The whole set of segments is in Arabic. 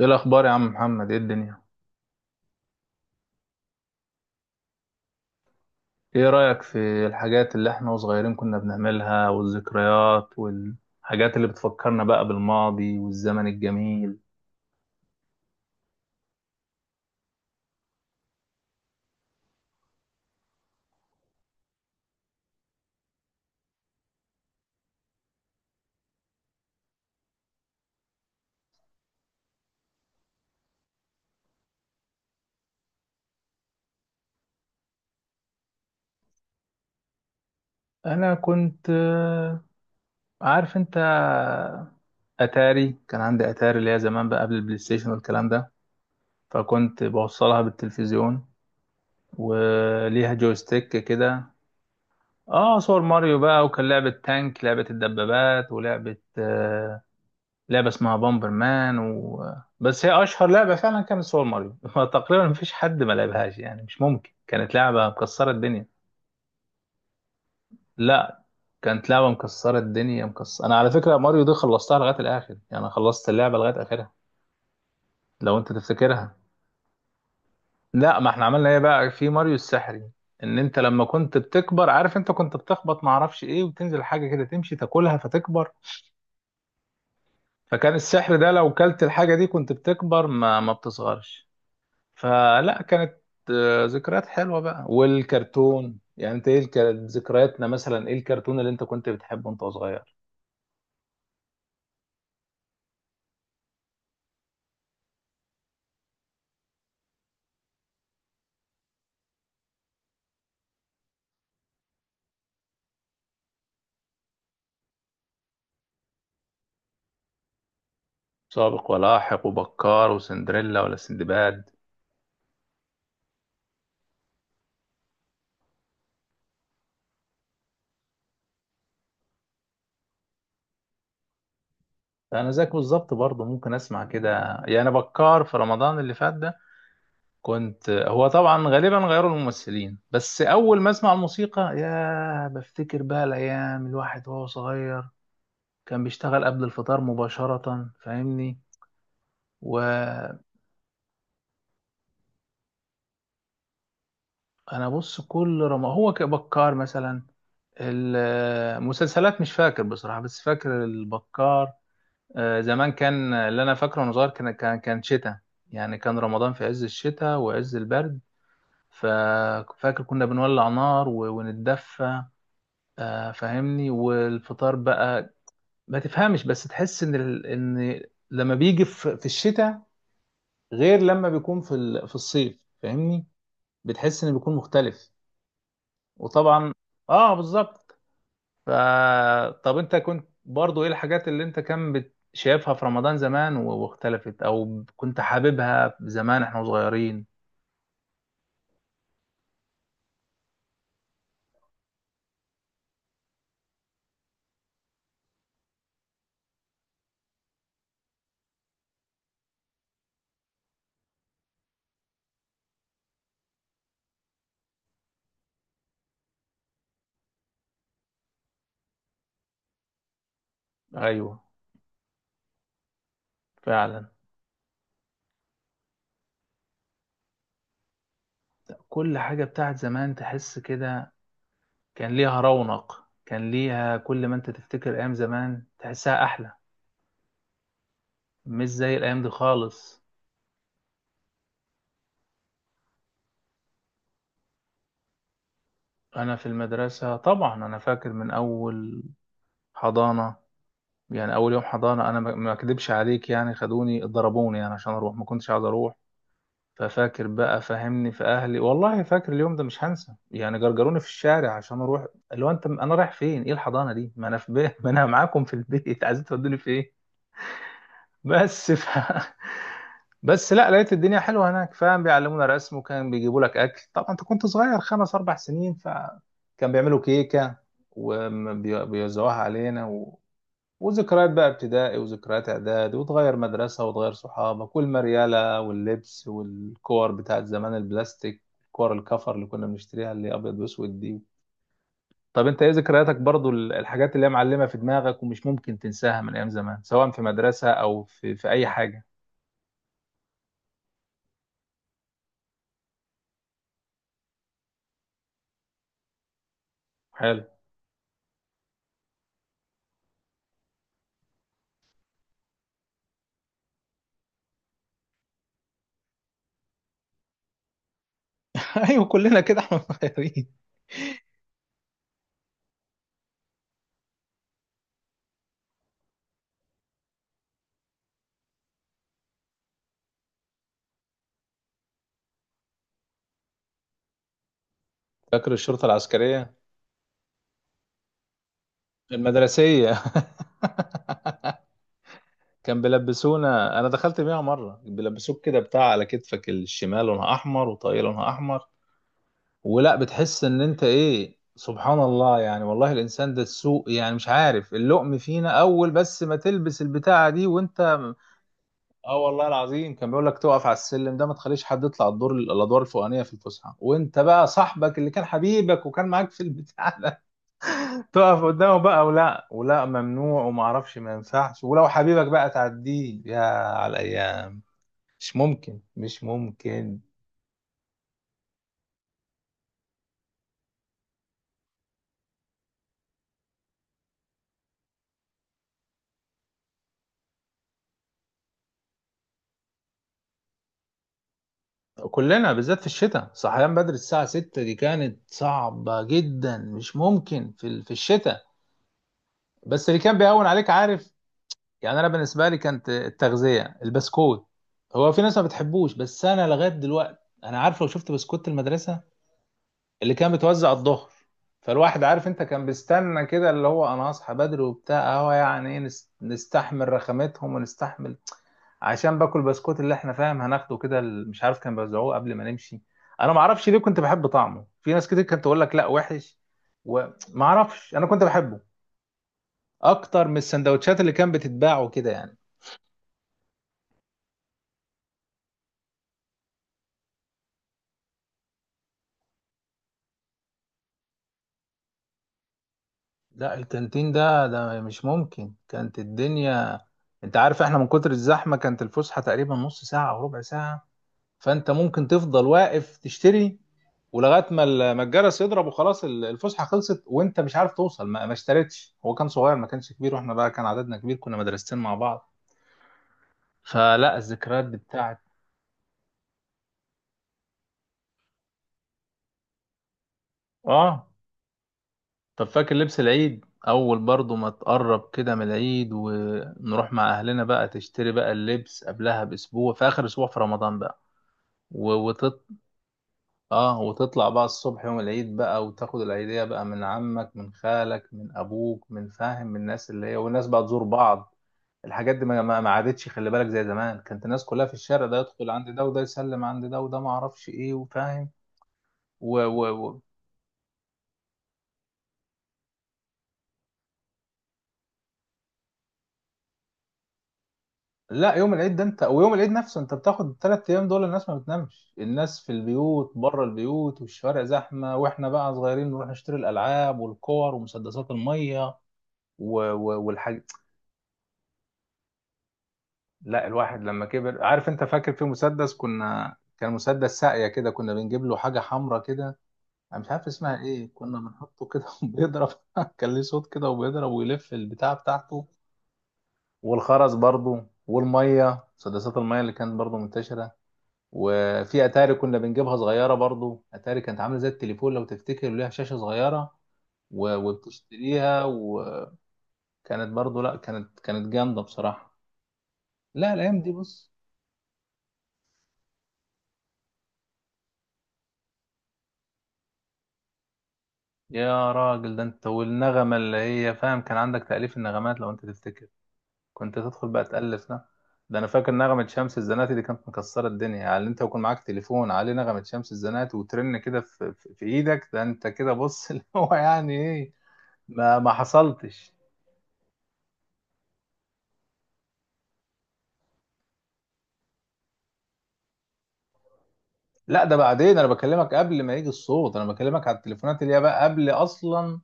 ايه الاخبار يا عم محمد؟ ايه الدنيا؟ ايه رايك في الحاجات اللي احنا وصغيرين كنا بنعملها، والذكريات والحاجات اللي بتفكرنا بقى بالماضي والزمن الجميل؟ انا كنت عارف انت، اتاري كان عندي اتاري اللي هي زمان بقى قبل البلاي ستيشن والكلام ده، فكنت بوصلها بالتلفزيون وليها جويستيك كده. اه، صور ماريو بقى، وكان لعبة تانك، لعبة الدبابات، ولعبة لعبة اسمها بامبر مان بس هي أشهر لعبة فعلا كانت سوبر ماريو. تقريبا مفيش حد ما لعبهاش، يعني مش ممكن، كانت لعبة مكسرة الدنيا. لا، كانت لعبة مكسرة الدنيا مكسرة. أنا على فكرة ماريو دي خلصتها لغاية الآخر، يعني خلصت اللعبة لغاية آخرها. لو أنت تفتكرها، لا ما احنا عملنا ايه بقى في ماريو السحري، ان انت لما كنت بتكبر عارف انت كنت بتخبط ما اعرفش ايه وتنزل حاجه كده تمشي تاكلها فتكبر، فكان السحر ده لو كلت الحاجه دي كنت بتكبر ما بتصغرش. فلا، كانت ذكريات حلوة بقى. والكرتون، يعني انت ايه ذكرياتنا، مثلا ايه الكرتون اللي انت كنت بتحبه وانت صغير؟ سابق ولاحق وبكار وسندريلا ولا سندباد. انا زيك بالظبط برضه، ممكن اسمع كده، يعني بكار في رمضان اللي فات ده كنت، هو طبعا غالبا غيروا الممثلين، بس اول ما اسمع الموسيقى يا بفتكر بقى الايام الواحد وهو صغير. كان بيشتغل قبل الفطار مباشرة فاهمني. و انا بص، كل رمضان هو كبكار مثلا، المسلسلات مش فاكر بصراحة، بس فاكر البكار. زمان كان اللي انا فاكره وانا صغير كان شتاء، يعني كان رمضان في عز الشتاء وعز البرد. ففاكر كنا بنولع نار ونتدفى. فاهمني. والفطار بقى ما تفهمش، بس تحس ان ان لما بيجي في الشتاء غير لما بيكون في في الصيف فاهمني، بتحس انه بيكون مختلف. وطبعا اه بالظبط. ف طب انت كنت برضو ايه الحاجات اللي انت كان شايفها في رمضان زمان واختلفت، او كنت حاببها زمان احنا صغيرين؟ ايوه، فعلا. كل حاجة بتاعت زمان تحس كده كان ليها رونق، كان ليها، كل ما انت تفتكر ايام زمان تحسها احلى. مش زي الايام دي خالص. انا في المدرسة طبعا انا فاكر من اول حضانة، يعني اول يوم حضانة انا ما اكدبش عليك، يعني خدوني ضربوني يعني عشان اروح، ما كنتش عايز اروح. ففاكر بقى فهمني في اهلي، والله فاكر اليوم ده مش هنسى، يعني جرجروني في الشارع عشان اروح. اللي هو انت، انا رايح فين؟ ايه الحضانه دي؟ ما انا في بيه، ما انا معاكم في البيت. عايزين تودوني في ايه؟ بس بس لا لقيت الدنيا حلوه هناك فاهم، بيعلمونا رسم، وكان بيجيبوا لك اكل، طبعا انت كنت صغير خمس اربع سنين، فكان بيعملوا كيكه وبيوزعوها علينا. وذكريات بقى ابتدائي، وذكريات اعدادي، وتغير مدرسة، وتغير صحابك، والمريالة واللبس، والكور بتاعت زمان البلاستيك، كور الكفر اللي كنا بنشتريها اللي ابيض واسود دي. طب انت ايه ذكرياتك برضو، الحاجات اللي هي معلمة في دماغك ومش ممكن تنساها من ايام زمان، سواء في مدرسة او في في اي حاجة؟ حلو. ايوه، كلنا كده احنا صغيرين. فاكر الشرطة العسكرية؟ المدرسية. كان بيلبسونا، انا دخلت بيها مره، بيلبسوك كده بتاع على كتفك الشمال لونها احمر، وطاقيه لونها احمر. ولا بتحس ان انت ايه، سبحان الله، يعني والله الانسان ده السوق، يعني مش عارف اللقم فينا اول، بس ما تلبس البتاعه دي وانت. اه والله العظيم، كان بيقول لك تقف على السلم ده، ما تخليش حد يطلع الدور، الادوار الفوقانيه في الفسحه، وانت بقى صاحبك اللي كان حبيبك وكان معاك في البتاع ده. تقف قدامه بقى، ولا ممنوع وما اعرفش ما ينفعش، ولو حبيبك بقى تعديه، يا على الايام. مش ممكن، مش ممكن. كلنا بالذات في الشتاء، صحيان بدري الساعة 6 دي كانت صعبة جدا، مش ممكن في في الشتاء. بس اللي كان بيهون عليك عارف، يعني انا بالنسبة لي كانت التغذية، البسكوت. هو في ناس ما بتحبوش، بس انا لغاية دلوقتي انا عارف لو شفت بسكوت المدرسة اللي كان بيتوزع الظهر. فالواحد عارف انت كان بيستنى كده، اللي هو انا هصحى بدري وبتاع اهو يعني إيه، نستحمل رخامتهم ونستحمل عشان باكل بسكوت اللي احنا فاهم هناخده كده مش عارف كان بيوزعوه قبل ما نمشي. انا ما اعرفش ليه كنت بحب طعمه، في ناس كتير كانت تقول لك لا وحش، وما اعرفش انا كنت بحبه اكتر من السندوتشات اللي كان بتتباع وكده يعني. لا الكانتين ده مش ممكن، كانت الدنيا. انت عارف احنا من كتر الزحمه كانت الفسحه تقريبا نص ساعه او ربع ساعه، فانت ممكن تفضل واقف تشتري ولغايه ما الجرس يضرب، وخلاص الفسحه خلصت وانت مش عارف توصل، ما اشتريتش، هو كان صغير ما كانش كبير، واحنا بقى كان عددنا كبير، كنا مدرستين مع بعض. فلا الذكريات دي بتاعت. اه. طب فاكر لبس العيد اول؟ برضو ما تقرب كده من العيد ونروح مع اهلنا بقى، تشتري بقى اللبس قبلها باسبوع، في اخر اسبوع في رمضان بقى. و- وتط... اه، وتطلع بقى الصبح يوم العيد بقى، وتاخد العيدية بقى من عمك من خالك من ابوك من فاهم، من الناس اللي هي، والناس بقى تزور بعض. الحاجات دي ما عادتش، خلي بالك زي زمان كانت الناس كلها في الشارع، ده يدخل عند ده، وده يسلم عند ده، وده ما اعرفش ايه وفاهم. و... و... و... لا يوم العيد ده انت، ويوم العيد نفسه انت بتاخد الثلاث ايام دول، الناس ما بتنامش، الناس في البيوت بره البيوت، والشوارع زحمه، واحنا بقى صغيرين نروح نشتري الالعاب والكور ومسدسات الميه والحاج. لا الواحد لما كبر عارف انت، فاكر في مسدس كنا، كان مسدس ساقيه كده، كنا بنجيب له حاجه حمراء كده، انا مش عارف اسمها ايه، كنا بنحطه كده وبيضرب. كان ليه صوت كده وبيضرب ويلف البتاع بتاعته. والخرز برضو، والميه، مسدسات الميه اللي كانت برضو منتشره. وفي اتاري كنا بنجيبها صغيره برضو، اتاري كانت عامله زي التليفون لو تفتكر، ليها شاشه صغيره وبتشتريها، وكانت برضو، لا كانت كانت جامده بصراحه. لا الايام دي بص. يا راجل ده انت، والنغمه اللي هي فاهم، كان عندك تأليف النغمات لو انت تفتكر، كنت تدخل بقى تألف. لا ده انا فاكر نغمة شمس الزناتي دي كانت مكسرة الدنيا، يعني انت يكون معاك تليفون عليه نغمة شمس الزناتي وترن كده في ايدك، ده انت كده بص، اللي هو يعني ايه، ما حصلتش. لا ده بعدين، انا بكلمك قبل ما يجي الصوت، انا بكلمك على التليفونات اللي هي بقى قبل اصلا،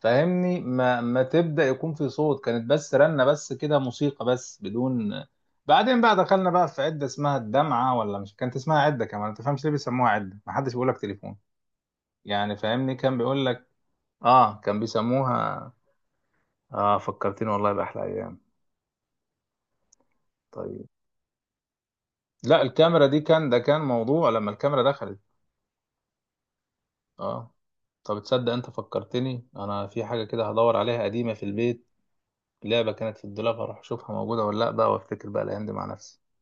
فاهمني، ما تبدأ يكون في صوت، كانت بس رنة بس كده موسيقى بس بدون. بعدين بقى دخلنا بقى في عدة اسمها الدمعة، ولا مش كانت اسمها عدة كمان، ما تفهمش ليه بيسموها عدة، ما حدش بيقول لك تليفون، يعني فاهمني كان بيقول لك، اه كان بيسموها. اه فكرتني والله بأحلى ايام. طيب. لا الكاميرا دي كان، ده كان موضوع لما الكاميرا دخلت. اه. طب تصدق انت فكرتني انا في حاجة كده هدور عليها قديمة في البيت، لعبة كانت في الدولاب، هروح اشوفها موجودة ولا لا بقى، وافتكر بقى الايام دي مع نفسي.